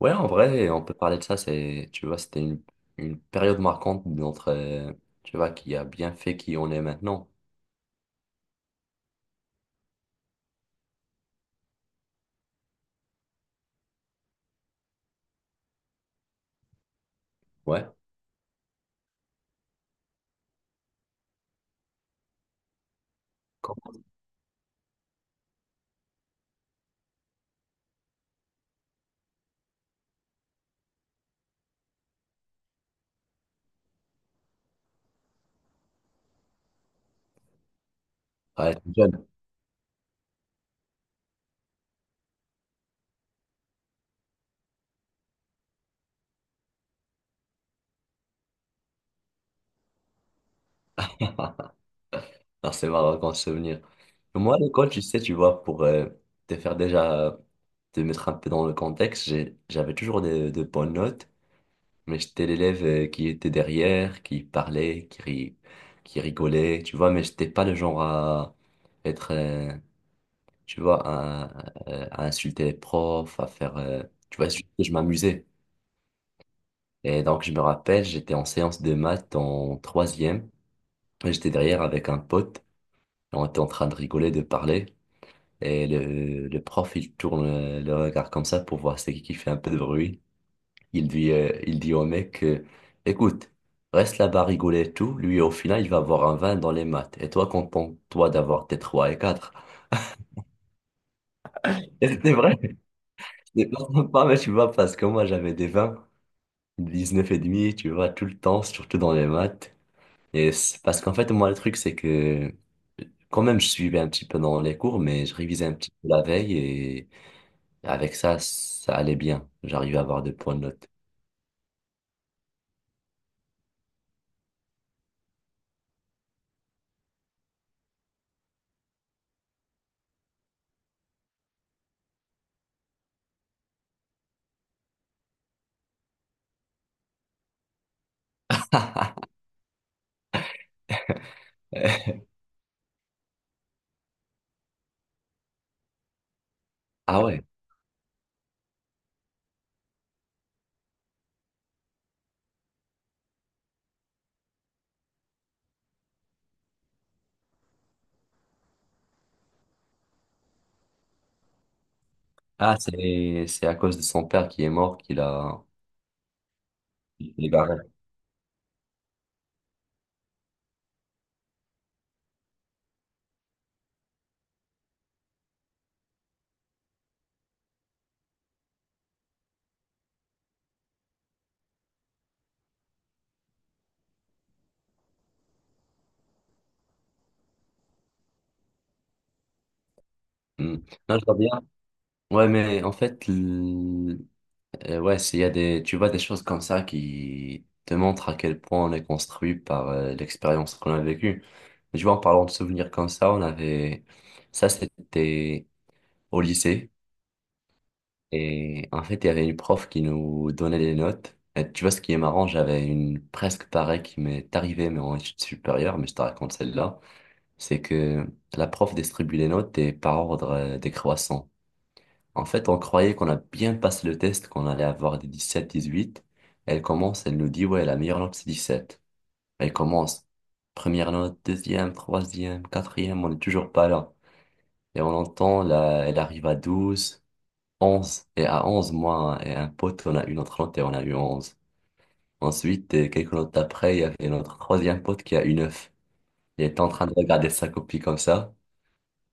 Ouais, en vrai, on peut parler de ça. C'est, tu vois, c'était une période marquante de notre, tu vois, qui a bien fait qui on est maintenant. Ouais. Quand on était jeune. Alors, c'est marrant comme souvenir. Moi, à l'école, tu sais, tu vois, pour te faire déjà, te mettre un peu dans le contexte, j'avais toujours de bonnes notes, mais j'étais l'élève qui était derrière, qui parlait, qui rigolait, tu vois, mais j'étais pas le genre à être, tu vois, à insulter les profs, à faire, tu vois, surtout que je m'amusais. Et donc, je me rappelle, j'étais en séance de maths en troisième, et j'étais derrière avec un pote, et on était en train de rigoler, de parler, et le prof, il tourne le regard comme ça pour voir c'est qui fait un peu de bruit. Il dit au mec, écoute, reste là-bas à rigoler et tout, lui, au final, il va avoir un 20 dans les maths, et toi, contente-toi d'avoir tes 3 et quatre. Et c'était vrai, c'était pas sympa, mais tu vois, parce que moi, j'avais des 20. 19,5, tu vois, tout le temps, surtout dans les maths. Parce qu'en fait, moi, le truc, c'est que quand même, je suivais un petit peu dans les cours, mais je révisais un petit peu la veille et avec ça, ça allait bien. J'arrivais à avoir des points de note. Ah ouais. Ah, c'est à cause de son père qui est mort qu'il a, il est barré. Hmm. Non, je vois bien. Ouais, mais en fait, et ouais, s'il y a des, tu vois, des choses comme ça qui te montrent à quel point on est construit par l'expérience qu'on a vécue. Je vois, en parlant de souvenirs comme ça, on avait, ça c'était au lycée. Et en fait, il y avait une prof qui nous donnait des notes. Et tu vois, ce qui est marrant, j'avais une presque pareille qui m'est arrivée, mais en études supérieures, mais je te raconte celle-là. C'est que la prof distribue les notes et par ordre décroissant. En fait, on croyait qu'on a bien passé le test, qu'on allait avoir des 17, 18. Elle commence, elle nous dit, ouais, la meilleure note, c'est 17. Elle commence, première note, deuxième, troisième, quatrième, on n'est toujours pas là. Et on entend, là, elle arrive à 12, 11. Et à 11, moi et un pote, on a eu notre note et on a eu 11. Ensuite, quelques notes après, il y avait notre troisième pote qui a eu 9. Il était en train de regarder sa copie comme ça.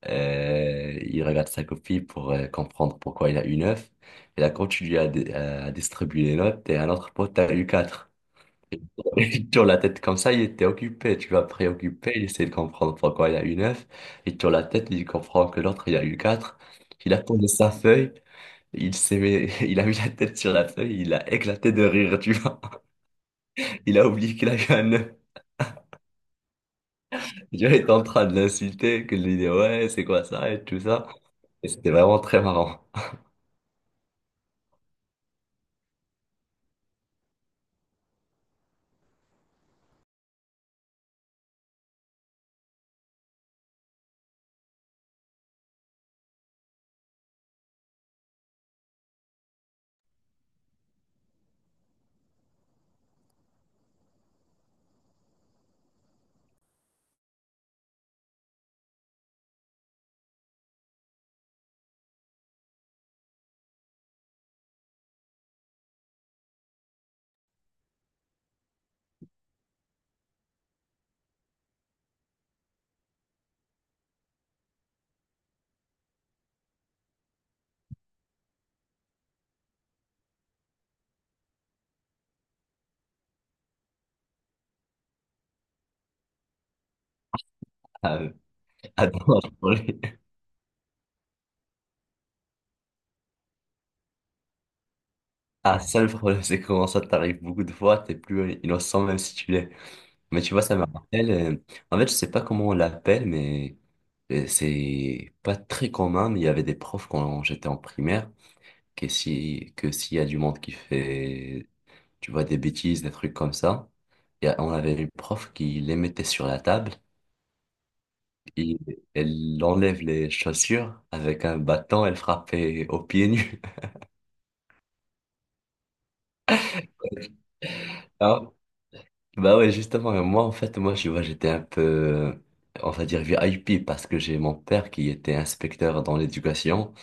Il regarde sa copie pour comprendre pourquoi il a eu neuf. Et là, quand tu lui as à distribuer les notes, et un autre pote a eu quatre. Il tourne la tête comme ça, il était occupé, tu vois, préoccupé, il essaie de comprendre pourquoi il a eu neuf. Il tourne la tête, il comprend que l'autre, il a eu quatre. Il a posé sa feuille, il a mis la tête sur la feuille, il a éclaté de rire, tu vois. Il a oublié qu'il a eu un 9. Tu vois, il était en train de l'insulter, que de lui dire, ouais, c'est quoi ça, et tout ça. Et c'était vraiment très marrant. Attends, ah, ça le problème, c'est comment ça t'arrive beaucoup de fois, t'es plus innocent même si tu l'es. Mais tu vois, ça me rappelle, en fait, je sais pas comment on l'appelle, mais c'est pas très commun, mais il y avait des profs quand j'étais en primaire, que si, que s'il y a du monde qui fait, tu vois, des bêtises, des trucs comme ça, on avait une prof qui les mettait sur la table, et elle enlève les chaussures avec un bâton, elle frappait aux pieds nus. Bah ouais, justement, et moi, en fait, moi, tu vois, j'étais un peu, on va dire, VIP parce que j'ai mon père qui était inspecteur dans l'éducation.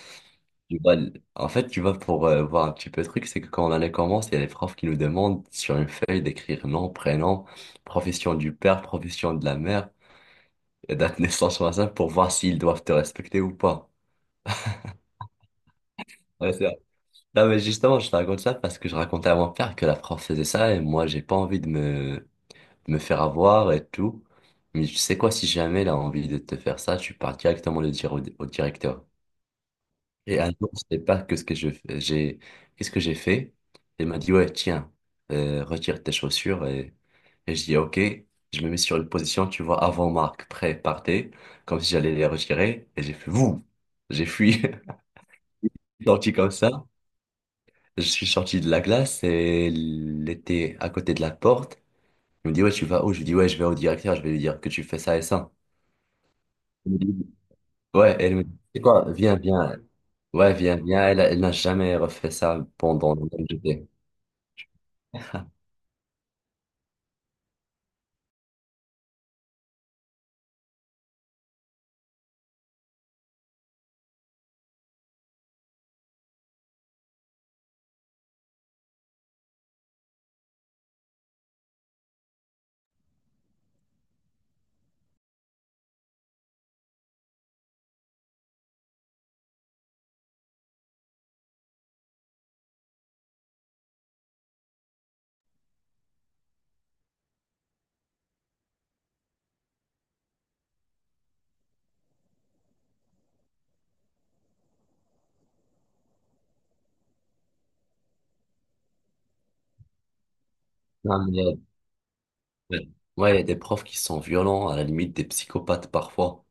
Tu vois, en fait, tu vois, pour voir un petit peu le truc, c'est que quand l'année commence, il y a les profs qui nous demandent sur une feuille d'écrire nom, prénom, profession du père, profession de la mère et date de naissance sur la simple pour voir s'ils doivent te respecter ou pas. Ouais, c'est vrai. Non, mais justement, je te raconte ça parce que je racontais à mon père que la prof faisait ça et moi, j'ai pas envie de me faire avoir et tout. Mais tu sais quoi, si jamais elle a envie de te faire ça, tu pars directement le dire au directeur. Et un jour, je sais pas que ce que qu'est-ce que j'ai fait. Il m'a dit, ouais, tiens, retire tes chaussures. Et je dis, ok, je me mets sur une position, tu vois, avant Marc, prêt, partez, comme si j'allais les retirer. Et j'ai fait, vous, j'ai fui. Je suis sorti comme ça. Je suis sorti de la glace et elle était à côté de la porte. Il me dit, ouais, tu vas où? Je lui dis, ouais, je vais au directeur, je vais lui dire que tu fais ça et ça. Elle me dit- Ouais, elle me dit, c'est quoi? Viens, viens. Ouais, viens, viens. Elle n'a jamais refait ça pendant le MJT. Non, mais, ouais, ouais, il y a des profs qui sont violents, à la limite des psychopathes parfois.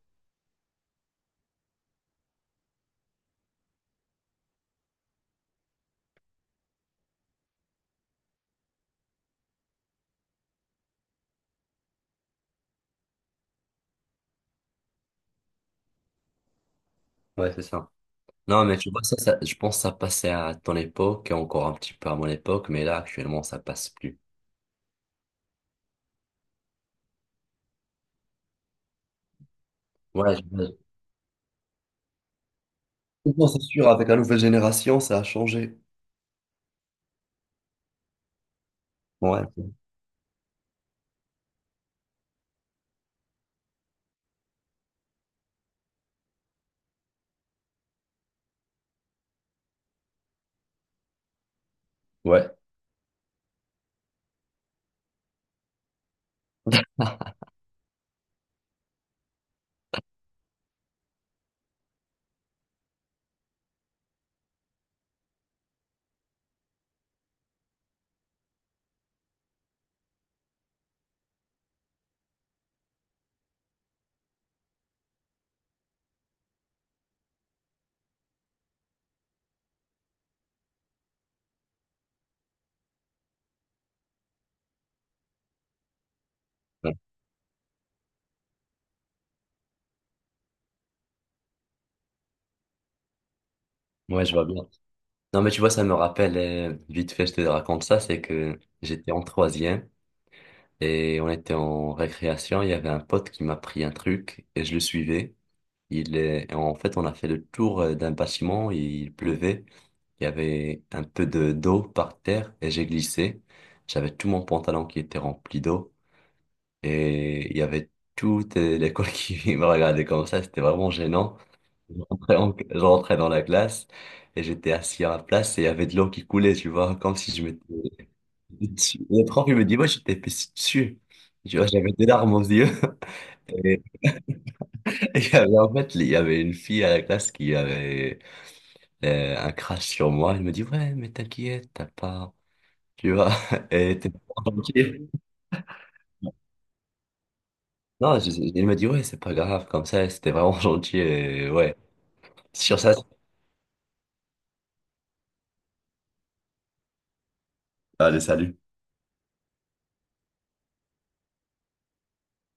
Ouais, c'est ça. Non, mais tu vois, je pense que ça passait à ton époque et encore un petit peu à mon époque, mais là, actuellement, ça passe plus. Ouais, je pense que c'est sûr, avec la nouvelle génération, ça a changé. Ouais, ouais, ouais, ouais, je vois bien. Non, mais tu vois, ça me rappelle, vite fait, je te raconte ça, c'est que j'étais en troisième. Et on était en récréation, il y avait un pote qui m'a pris un truc et je le suivais. Et en fait, on a fait le tour d'un bâtiment, il pleuvait, il y avait un peu de d'eau par terre et j'ai glissé. J'avais tout mon pantalon qui était rempli d'eau et il y avait toute l'école qui me regardait comme ça, c'était vraiment gênant. Je rentrais dans la classe et j'étais assis à ma place et il y avait de l'eau qui coulait, tu vois, comme si je m'étais Le prof, il me dit, moi, j'étais destitué. Tu vois, j'avais des larmes aux yeux. Et il y avait, en fait, il y avait une fille à la classe qui avait un crush sur moi. Elle me dit, ouais, mais t'inquiète, t'as pas, tu vois, et t'es pas gentil. Non, il me dit, ouais, c'est pas grave, comme ça, c'était vraiment gentil. Et ouais, sur ça, allez, salut.